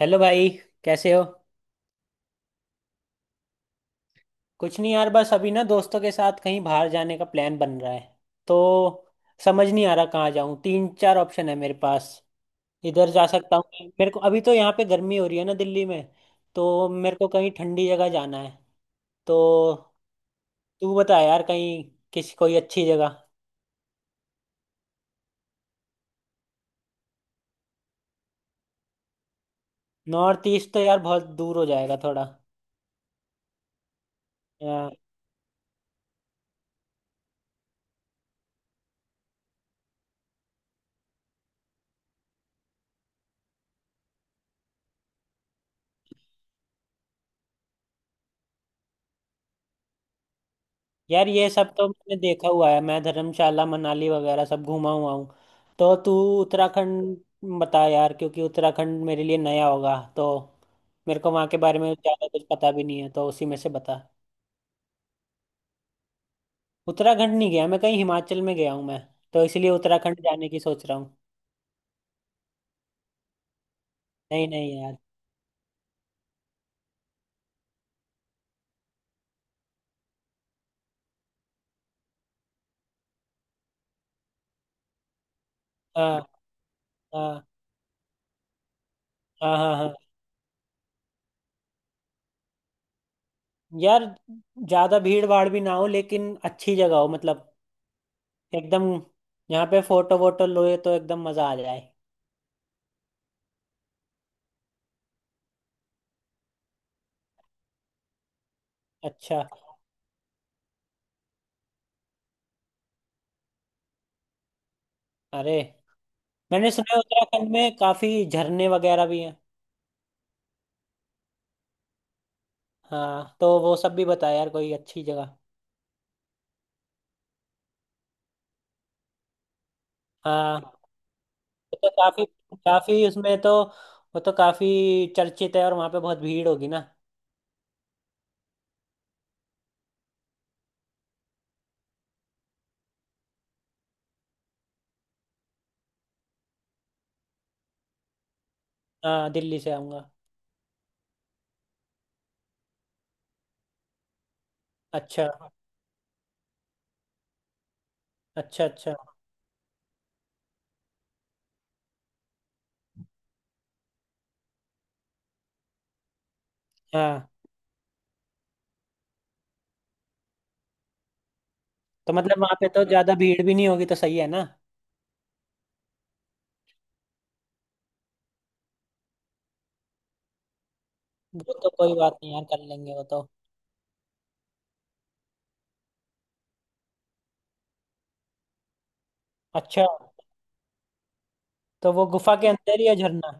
Hello भाई। कैसे हो। कुछ नहीं यार, बस अभी ना दोस्तों के साथ कहीं बाहर जाने का प्लान बन रहा है तो समझ नहीं आ रहा कहाँ जाऊँ। तीन चार ऑप्शन है मेरे पास। इधर जा सकता हूँ मेरे को, अभी तो यहाँ पे गर्मी हो रही है ना दिल्ली में, तो मेरे को कहीं ठंडी जगह जाना है। तो तू बता यार, कहीं किसी कोई अच्छी जगह। नॉर्थ ईस्ट तो यार बहुत दूर हो जाएगा थोड़ा। यार ये सब तो मैंने देखा हुआ है, मैं धर्मशाला मनाली वगैरह सब घूमा हुआ हूँ। तो तू उत्तराखंड बता यार, क्योंकि उत्तराखंड मेरे लिए नया होगा, तो मेरे को वहाँ के बारे में ज़्यादा कुछ पता भी नहीं है, तो उसी में से बता। उत्तराखंड नहीं गया मैं कहीं, हिमाचल में गया हूँ मैं, तो इसलिए उत्तराखंड जाने की सोच रहा हूँ। नहीं नहीं यार। हाँ हाँ हाँ, हाँ हाँ। यार, ज़्यादा भीड़ भाड़ भी ना हो लेकिन अच्छी जगह हो, मतलब एकदम, यहाँ पे फोटो वोटो लोए तो एकदम मज़ा आ जाए। अच्छा। अरे, मैंने सुना है उत्तराखंड में काफी झरने वगैरह भी हैं। हाँ, तो वो सब भी बताया यार कोई अच्छी जगह। हाँ, वो तो काफी काफी उसमें तो वो तो काफी चर्चित है और वहाँ पे बहुत भीड़ होगी ना। हाँ, दिल्ली से आऊंगा। अच्छा, अच्छा, अच्छा। हाँ, तो मतलब वहाँ पे तो ज्यादा भीड़ भी नहीं होगी, तो सही है ना। वो तो कोई बात नहीं यार, कर लेंगे वो तो। अच्छा, तो वो गुफा के अंदर ही है झरना।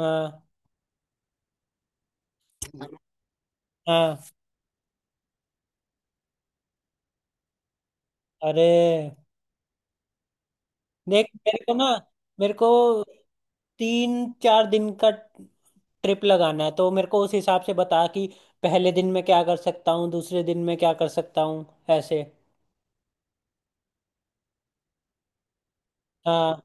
हाँ हाँ। अरे, देख मेरे को ना, मेरे को तीन चार दिन का ट्रिप लगाना है, तो मेरे को उस हिसाब से बता कि पहले दिन में क्या कर सकता हूँ, दूसरे दिन में क्या कर सकता हूँ, ऐसे। हाँ,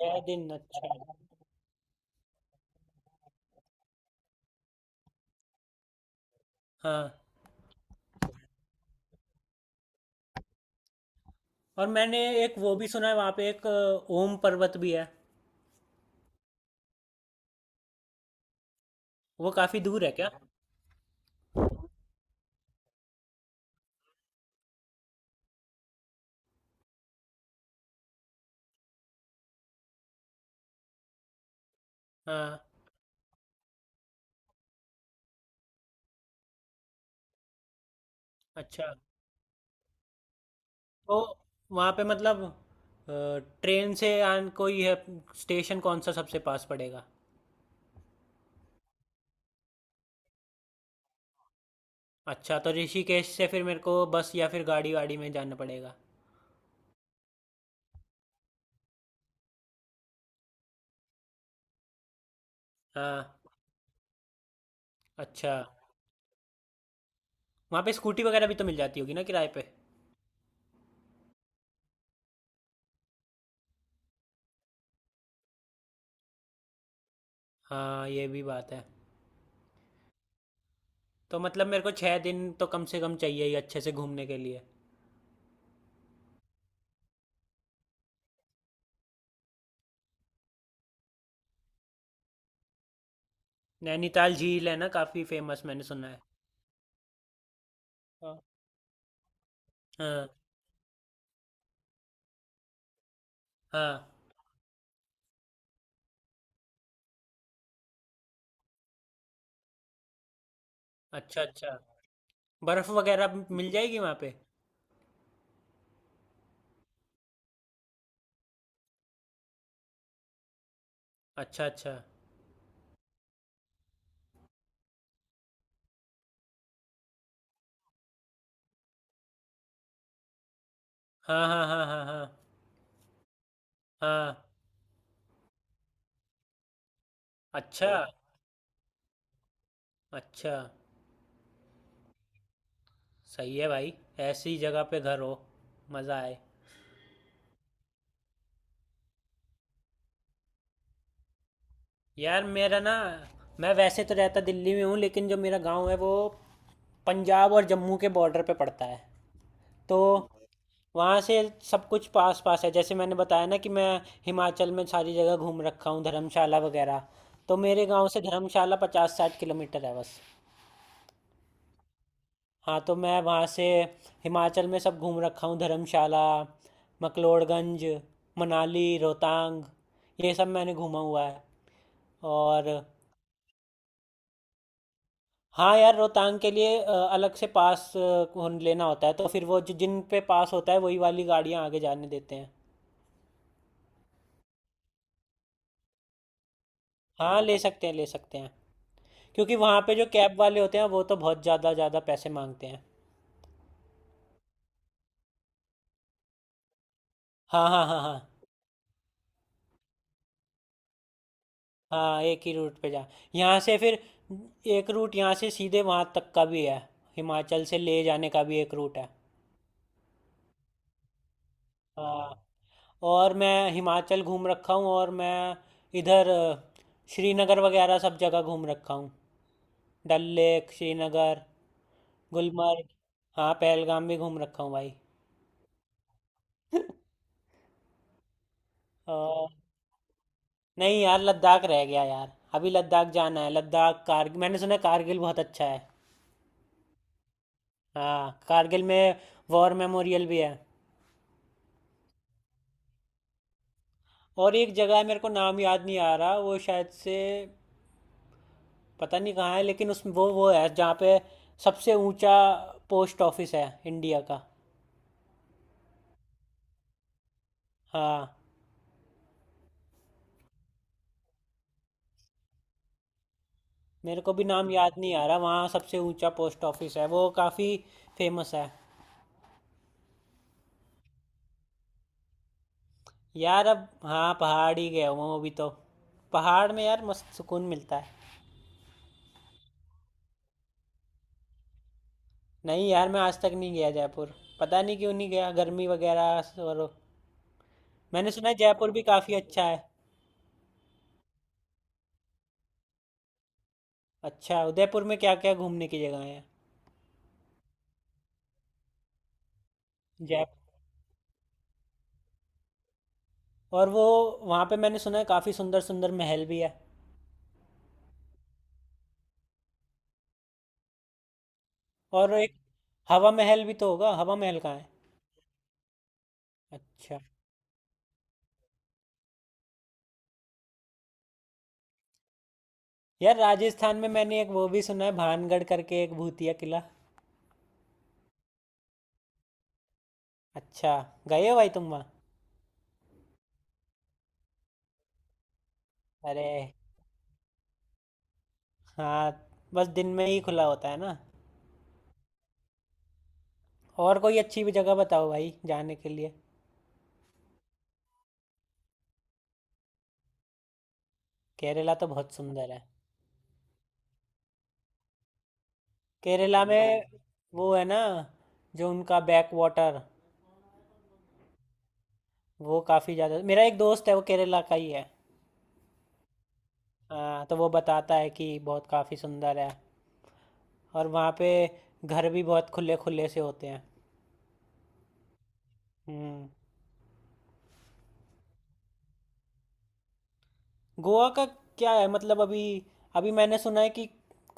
6 दिन, अच्छा। हाँ, और मैंने एक वो भी सुना है वहाँ पे एक ओम पर्वत भी है। वो काफी दूर है क्या। हाँ। अच्छा, तो वहाँ पे मतलब ट्रेन से आन कोई है, स्टेशन कौन सा सबसे पास पड़ेगा। अच्छा, तो ऋषिकेश से फिर मेरे को बस या फिर गाड़ी वाड़ी में जाना पड़ेगा। हाँ, अच्छा। वहाँ पे स्कूटी वगैरह भी तो मिल जाती होगी ना किराए पे। हाँ, ये भी बात है। तो मतलब मेरे को 6 दिन तो कम से कम चाहिए ही, अच्छे से घूमने के लिए। नैनीताल झील है ना, काफ़ी फेमस, मैंने सुना है। हाँ हाँ हाँ। अच्छा, अच्छा। बर्फ़ वगैरह भी मिल जाएगी वहाँ पे। अच्छा, अच्छा। हाँ हाँ हाँ, हाँ हाँ हाँ। अच्छा, अच्छा। सही है भाई, ऐसी जगह पे घर हो, मज़ा आए। यार मेरा ना, मैं वैसे तो रहता दिल्ली में हूँ, लेकिन जो मेरा गांव है वो पंजाब और जम्मू के बॉर्डर पे पड़ता है। तो वहाँ से सब कुछ पास पास है, जैसे मैंने बताया ना कि मैं हिमाचल में सारी जगह घूम रखा हूँ, धर्मशाला वगैरह। तो मेरे गांव से धर्मशाला 50 60 किलोमीटर है बस। हाँ, तो मैं वहाँ से हिमाचल में सब घूम रखा हूँ। धर्मशाला, मकलोड़गंज, मनाली, रोहतांग, ये सब मैंने घूमा हुआ है। और हाँ यार, रोहतांग के लिए अलग से पास लेना होता है, तो फिर वो जो जिन पे पास होता है वही वाली गाड़ियाँ आगे जाने देते हैं। हाँ ले सकते हैं, ले सकते हैं। क्योंकि वहाँ पे जो कैब वाले होते हैं वो तो बहुत ज़्यादा ज़्यादा पैसे मांगते हैं। हाँ हाँ हाँ, हाँ हाँ। एक ही रूट पे जा, यहाँ से फिर एक रूट यहाँ से सीधे वहाँ तक का भी है, हिमाचल से ले जाने का भी एक रूट है। हाँ, और मैं हिमाचल घूम रखा हूँ, और मैं इधर श्रीनगर वगैरह सब जगह घूम रखा हूँ। डल लेक, श्रीनगर, गुलमर्ग। हाँ, पहलगाम भी घूम रखा हूँ भाई। और नहीं यार, लद्दाख रह गया यार। अभी लद्दाख जाना है, लद्दाख कारगिल, मैंने सुना है कारगिल बहुत अच्छा है। हाँ, कारगिल में वॉर मेमोरियल भी है। और एक जगह है, मेरे को नाम याद नहीं आ रहा, वो शायद से पता नहीं कहाँ है, लेकिन उस वो है जहाँ पे सबसे ऊंचा पोस्ट ऑफिस है इंडिया का। हाँ, मेरे को भी नाम याद नहीं आ रहा, वहाँ सबसे ऊंचा पोस्ट ऑफिस है, वो काफ़ी फेमस है। यार अब हाँ पहाड़ ही गया हूँ, वो भी तो। पहाड़ में यार मस्त सुकून मिलता है। नहीं यार, मैं आज तक नहीं गया जयपुर, पता नहीं क्यों नहीं गया, गर्मी वगैरह और। मैंने सुना है जयपुर भी काफ़ी अच्छा है। अच्छा, उदयपुर में क्या क्या घूमने की जगह है। जयपुर, और वो वहाँ पे मैंने सुना है काफ़ी सुंदर सुंदर महल भी है। और एक हवा महल भी तो होगा, हवा महल कहाँ है। अच्छा, यार राजस्थान में मैंने एक वो भी सुना है, भानगढ़ करके एक भूतिया किला। अच्छा, गए हो भाई तुम वहाँ। अरे हाँ, बस दिन में ही खुला होता है ना। और कोई अच्छी भी जगह बताओ भाई जाने के लिए। केरला तो बहुत सुंदर है। केरला में वो है ना, जो उनका बैक वाटर, वो काफ़ी ज़्यादा। मेरा एक दोस्त है वो केरला का ही है। हाँ, तो वो बताता है कि बहुत काफ़ी सुंदर है, और वहाँ पे घर भी बहुत खुले खुले से होते हैं। हम्म। गोवा का क्या है, मतलब अभी, अभी मैंने सुना है कि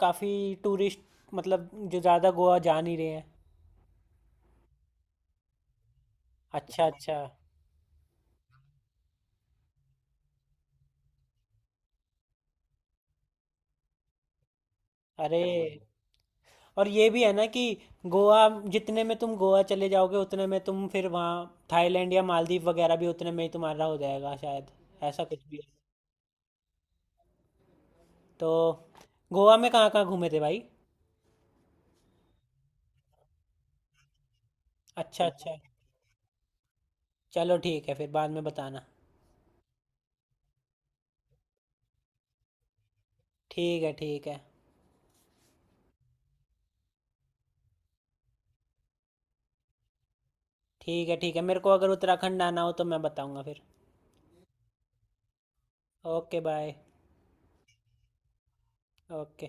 काफ़ी टूरिस्ट, मतलब जो ज़्यादा गोवा जा नहीं रहे हैं। अच्छा, अच्छा। अरे, और ये भी है ना कि गोवा, जितने में तुम गोवा चले जाओगे उतने में तुम फिर वहाँ थाईलैंड या मालदीव वगैरह भी उतने में ही तुम्हारा हो जाएगा शायद। ऐसा कुछ भी है। तो गोवा में कहाँ कहाँ घूमे थे भाई। अच्छा, अच्छा। चलो ठीक है, फिर बाद में बताना। ठीक है, ठीक है। ठीक है, ठीक है, मेरे को अगर उत्तराखंड आना हो तो मैं बताऊंगा फिर। Okay bye. ओके।